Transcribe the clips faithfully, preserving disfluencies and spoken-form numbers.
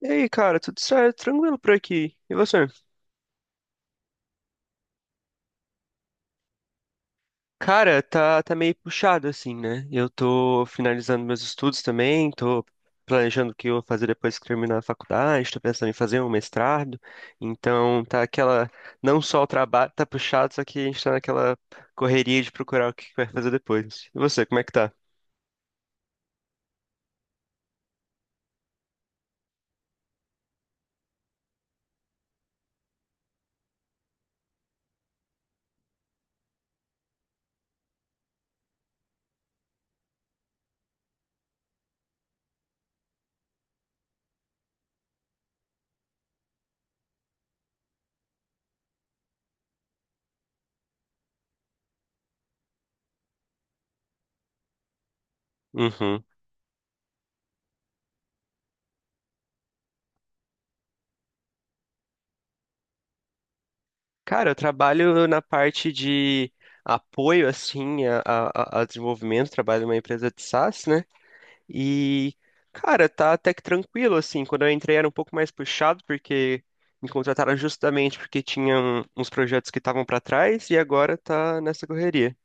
E aí, cara, tudo certo? Tranquilo por aqui. E você? Cara, tá, tá meio puxado assim, né? Eu tô finalizando meus estudos também, tô planejando o que eu vou fazer depois que terminar a faculdade, tô pensando em fazer um mestrado. Então, tá aquela, não só o trabalho tá puxado, só que a gente tá naquela correria de procurar o que vai fazer depois. E você, como é que tá? Uhum. Cara, eu trabalho na parte de apoio, assim, a, a, a a desenvolvimento, trabalho numa empresa de sás, né? E, cara, tá até que tranquilo, assim. Quando eu entrei era um pouco mais puxado, porque me contrataram justamente porque tinham uns projetos que estavam pra trás e agora tá nessa correria.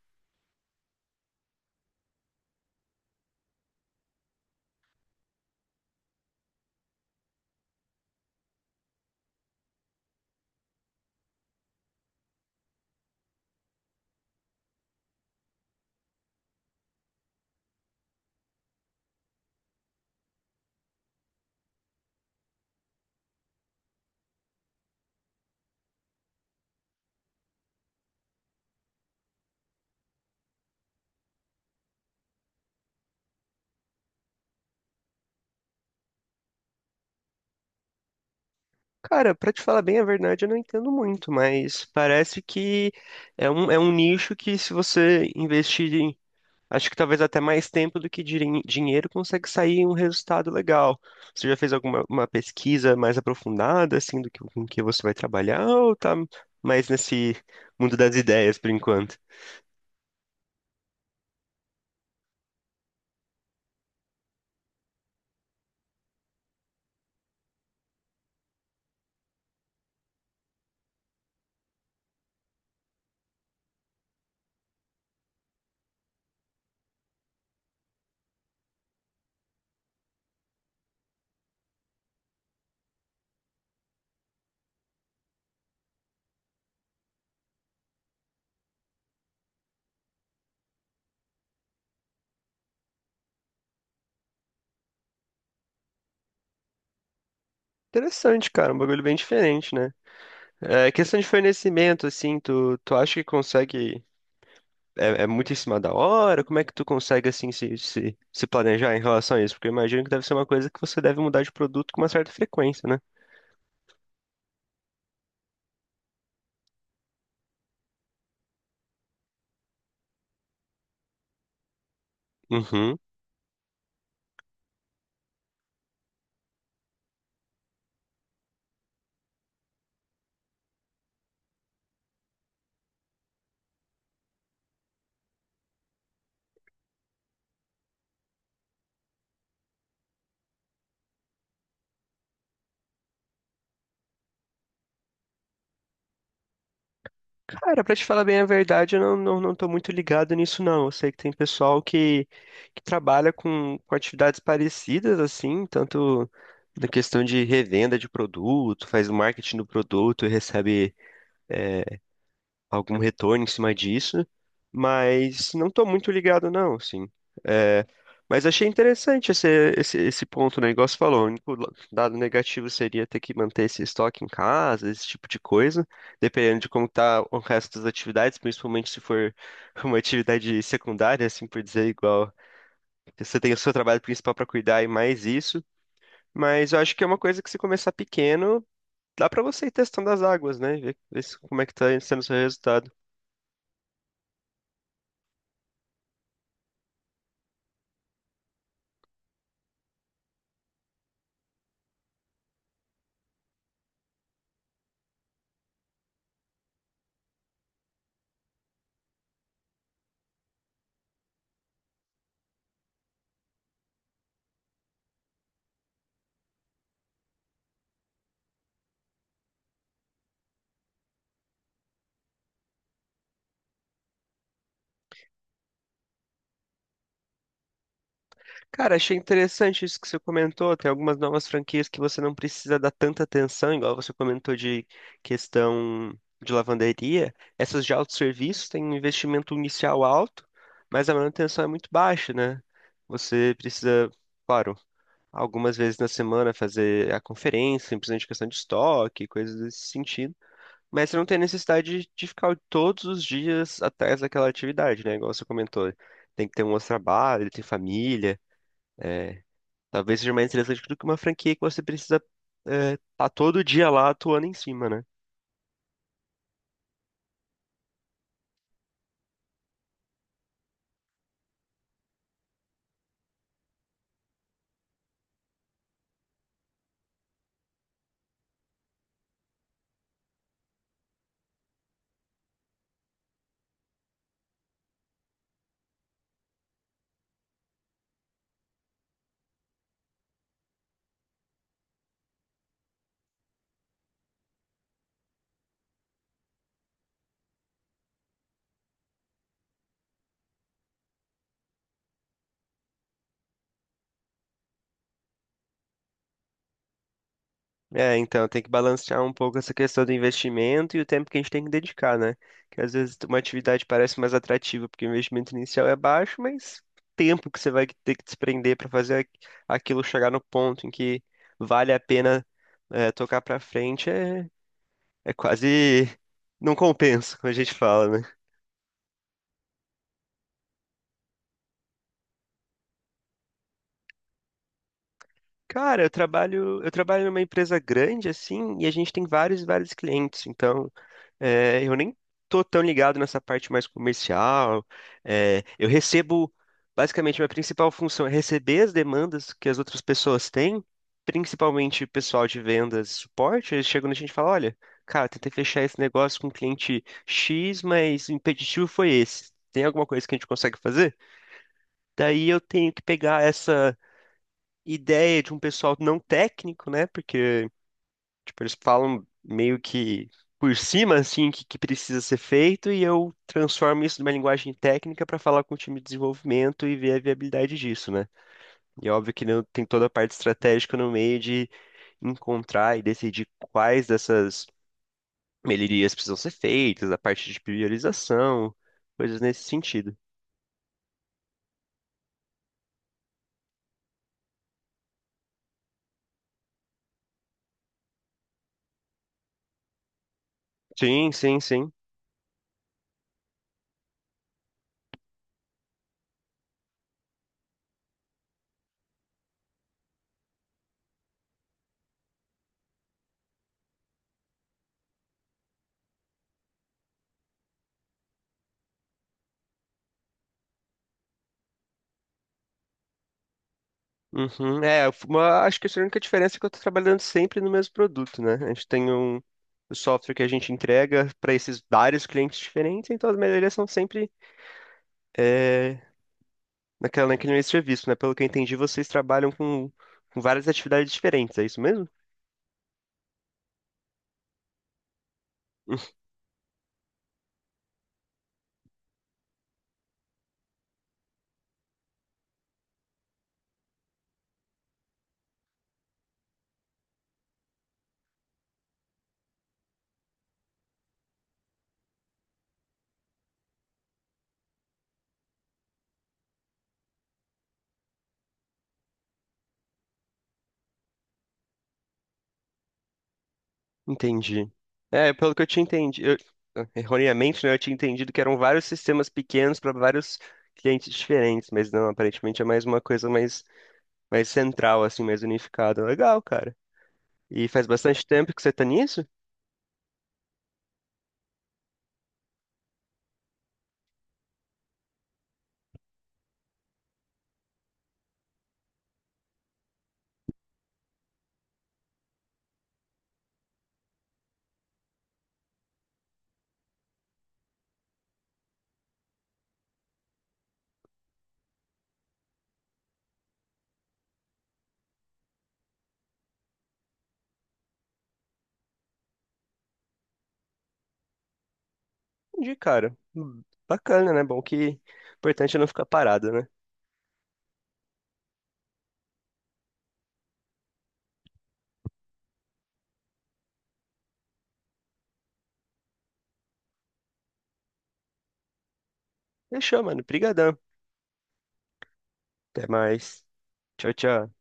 Cara, pra te falar bem a verdade, eu não entendo muito, mas parece que é um, é um nicho que se você investir. Acho que talvez até mais tempo do que dirin- dinheiro consegue sair um resultado legal. Você já fez alguma uma pesquisa mais aprofundada, assim, do que com que você vai trabalhar, ou tá mais nesse mundo das ideias por enquanto? Interessante, cara, um bagulho bem diferente, né? É, questão de fornecimento, assim, tu, tu acha que consegue. É, é muito em cima da hora? Como é que tu consegue, assim, se, se, se planejar em relação a isso? Porque eu imagino que deve ser uma coisa que você deve mudar de produto com uma certa frequência, né? Uhum. Cara, pra te falar bem a verdade, eu não, não, não tô muito ligado nisso, não. Eu sei que tem pessoal que, que trabalha com, com atividades parecidas, assim, tanto na questão de revenda de produto, faz o marketing do produto e recebe algum retorno em cima disso, mas não estou muito ligado, não, assim. É, mas achei interessante esse, esse, esse ponto, né? Igual você falou, o único la- dado negativo seria ter que manter esse estoque em casa, esse tipo de coisa, dependendo de como tá o resto das atividades, principalmente se for uma atividade secundária, assim por dizer, igual você tem o seu trabalho principal para cuidar e mais isso. Mas eu acho que é uma coisa que se começar pequeno, dá para você ir testando as águas, né? Ver, ver se- Como é que tá sendo o seu resultado? Cara, achei interessante isso que você comentou. Tem algumas novas franquias que você não precisa dar tanta atenção, igual você comentou de questão de lavanderia. Essas de autosserviço têm um investimento inicial alto, mas a manutenção é muito baixa, né? Você precisa, claro, algumas vezes na semana fazer a conferência, simplesmente questão de estoque, coisas desse sentido. Mas você não tem necessidade de ficar todos os dias atrás daquela atividade, né? Igual você comentou. Tem que ter um outro trabalho, tem família. é, Talvez seja mais interessante do que uma franquia que você precisa estar todo dia lá atuando em cima, né? É, então tem que balancear um pouco essa questão do investimento e o tempo que a gente tem que dedicar, né? Que às vezes uma atividade parece mais atrativa porque o investimento inicial é baixo, mas o tempo que você vai ter que desprender para fazer aqu- aquilo chegar no ponto em que vale a pena é, tocar para frente é, é quase não compensa, como a gente fala, né? Cara, eu trabalho, eu trabalho numa empresa grande assim, e a gente tem vários e vários clientes. Então, é, eu nem tô tão ligado nessa parte mais comercial. É, eu recebo, basicamente, minha principal função é receber as demandas que as outras pessoas têm, principalmente o pessoal de vendas e suporte. Eles chegam na gente e falam, olha, cara, tentei fechar esse negócio com o cliente xis, mas o impeditivo foi esse. Tem alguma coisa que a gente consegue fazer? Daí eu tenho que pegar essa ideia de um pessoal não técnico, né? Porque, tipo, eles falam meio que por cima, assim, que, que precisa ser feito, e eu transformo isso numa linguagem técnica para falar com o time de desenvolvimento e ver a viabilidade disso, né? E é óbvio que não- tem toda a parte estratégica no meio de encontrar e decidir quais dessas melhorias precisam ser feitas, a parte de priorização, coisas nesse sentido. Sim, sim, sim. Uhum. É, uma, acho que a única diferença é que eu estou trabalhando sempre no mesmo produto, né? A gente tem um, o software que a gente entrega para esses vários clientes diferentes, então as melhorias são sempre é, naquela, naquele mesmo serviço, né? Pelo que eu entendi, vocês trabalham com, com várias atividades diferentes, é isso mesmo? Entendi. É, pelo que eu tinha entendido, erroneamente, né, eu tinha entendido que eram vários sistemas pequenos para vários clientes diferentes, mas não, aparentemente é mais uma coisa mais, mais central, assim, mais unificada. Legal, cara. E faz bastante tempo que você tá nisso? Entendi, cara. Hum, Bacana, né? Bom que o importante é não ficar parado, né? Fechou, mano. Brigadão. Até mais. Tchau, tchau.